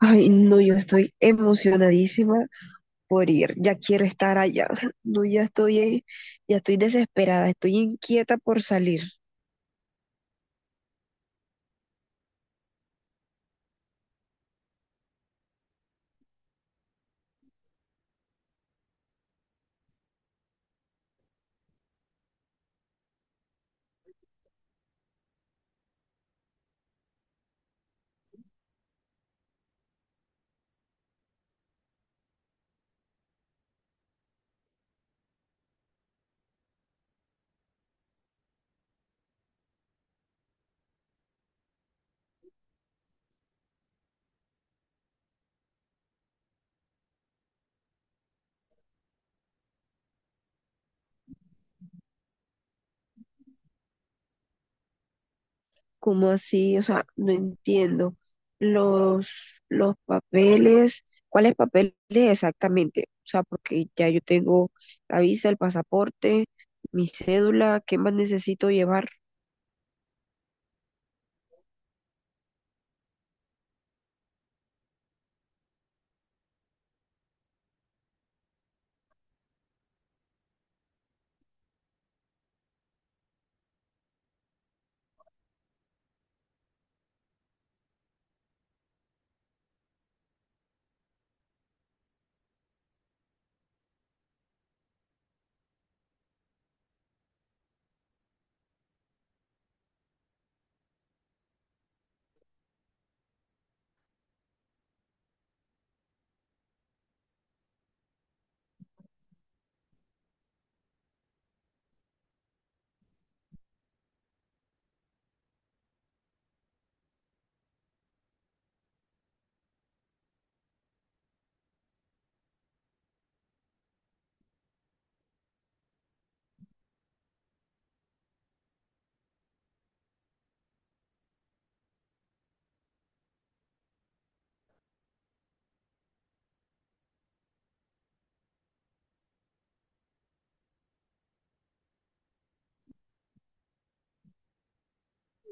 Ay, no, yo estoy emocionadísima por ir. Ya quiero estar allá. No, ya estoy desesperada, estoy inquieta por salir. ¿Cómo así? O sea, no entiendo. Los, los papeles, ¿cuáles papeles exactamente? O sea, porque ya yo tengo la visa, el pasaporte, mi cédula, ¿qué más necesito llevar?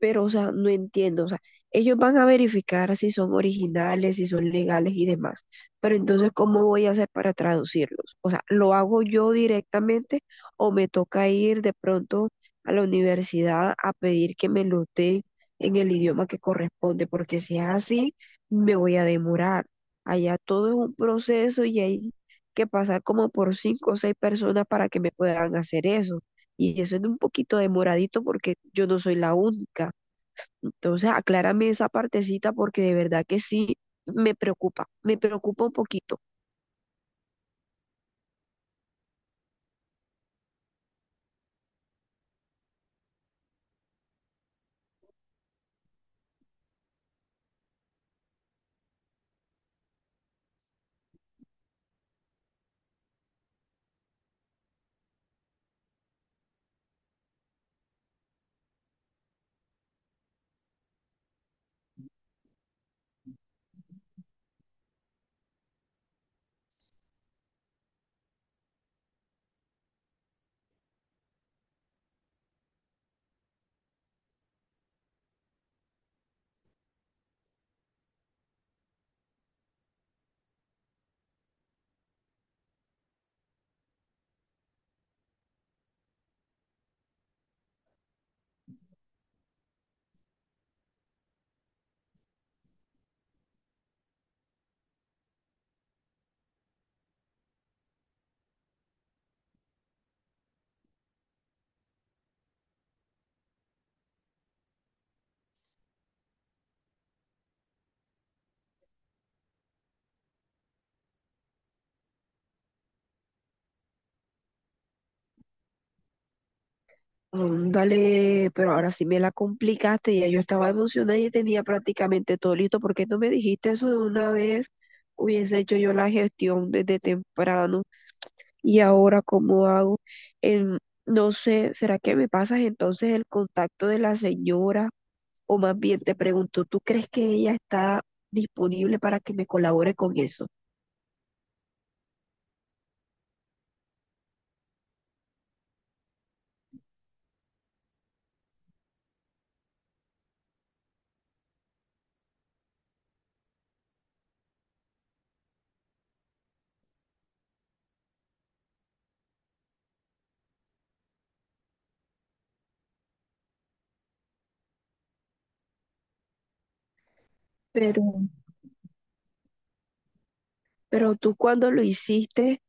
Pero, o sea, no entiendo, o sea, ellos van a verificar si son originales, si son legales y demás, pero entonces, ¿cómo voy a hacer para traducirlos? O sea, ¿lo hago yo directamente o me toca ir de pronto a la universidad a pedir que me lo den en el idioma que corresponde? Porque si es así, me voy a demorar. Allá todo es un proceso y hay que pasar como por cinco o seis personas para que me puedan hacer eso. Y eso es un poquito demoradito porque yo no soy la única. Entonces, aclárame esa partecita porque de verdad que sí me preocupa un poquito. Dale, pero ahora sí me la complicaste, ya yo estaba emocionada y tenía prácticamente todo listo. ¿Por qué no me dijiste eso de una vez? Hubiese hecho yo la gestión desde temprano y ahora cómo hago. En- no sé, ¿será que me pasas entonces el contacto de la señora? O más bien te pregunto, ¿tú crees que ella está disponible para que me colabore con eso? Pero Pero tú cuando lo hiciste,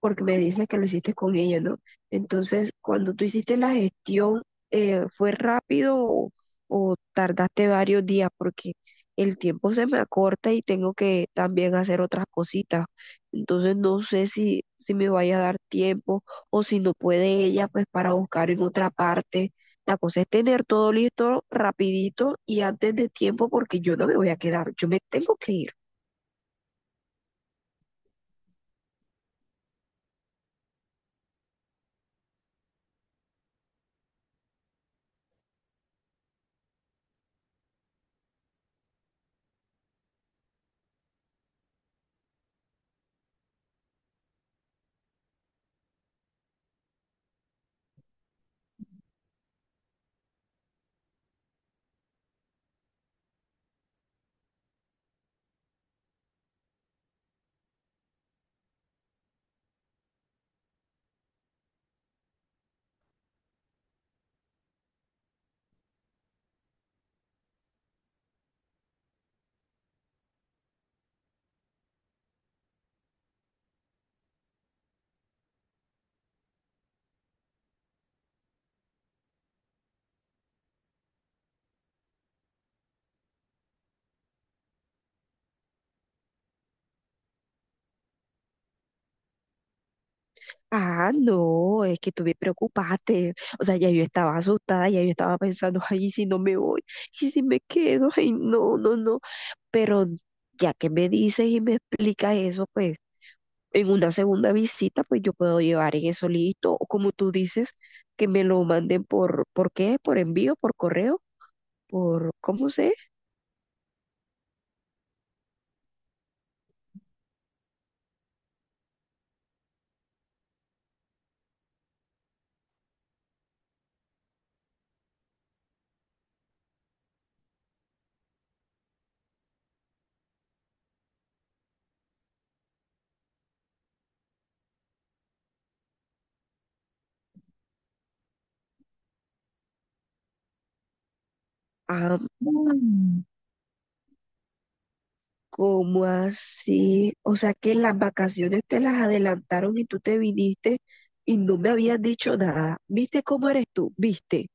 porque me dices que lo hiciste con ella, ¿no? Entonces, cuando tú hiciste la gestión, ¿fue rápido o tardaste varios días? Porque el tiempo se me acorta y tengo que también hacer otras cositas. Entonces, no sé si me vaya a dar tiempo o si no puede ella, pues para buscar en otra parte. La cosa es tener todo listo rapidito y antes de tiempo porque yo no me voy a quedar, yo me tengo que ir. Ah, no, es que tú me preocupaste. O sea, ya yo estaba asustada, ya yo estaba pensando, ay, ¿y si no me voy, y si me quedo, ay, no, no, no? Pero ya que me dices y me explicas eso, pues en una segunda visita, pues yo puedo llevar en eso listo. O como tú dices, que me lo manden ¿por qué? ¿Por envío? ¿Por correo? ¿Por, cómo sé? Ah, ¿cómo así? O sea que las vacaciones te las adelantaron y tú te viniste y no me habías dicho nada. ¿Viste cómo eres tú? ¿Viste?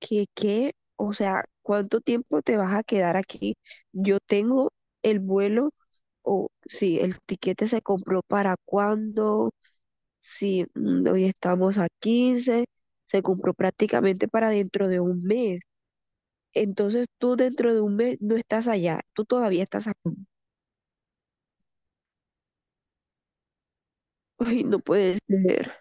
¿Qué, qué? O sea, ¿cuánto tiempo te vas a quedar aquí? Yo tengo el vuelo o sí, el tiquete se compró para cuándo. Si hoy estamos a 15 se compró prácticamente para dentro de un mes. Entonces tú dentro de un mes no estás allá, tú todavía estás aquí. Ay, no puede ser.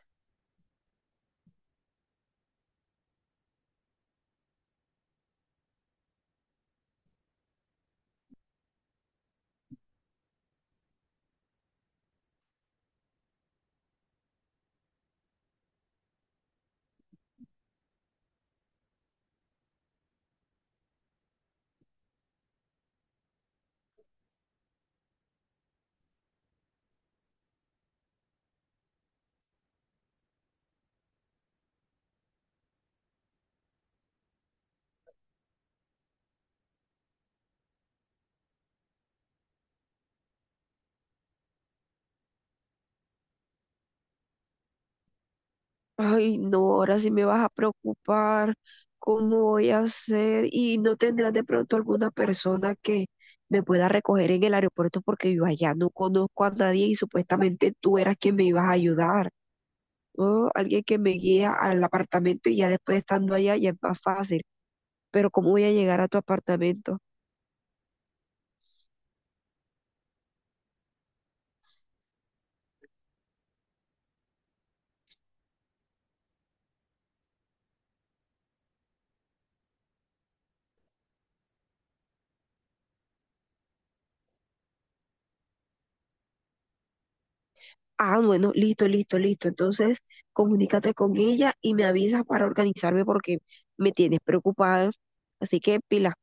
Ay, no, ahora sí me vas a preocupar, ¿cómo voy a hacer? Y no tendrás de pronto alguna persona que me pueda recoger en el aeropuerto porque yo allá no conozco a nadie y supuestamente tú eras quien me ibas a ayudar, ¿no? Alguien que me guía al apartamento y ya después estando allá ya es más fácil, pero ¿cómo voy a llegar a tu apartamento? Ah, bueno, listo, listo, listo. Entonces, comunícate con ella y me avisas para organizarme porque me tienes preocupada. Así que pilas.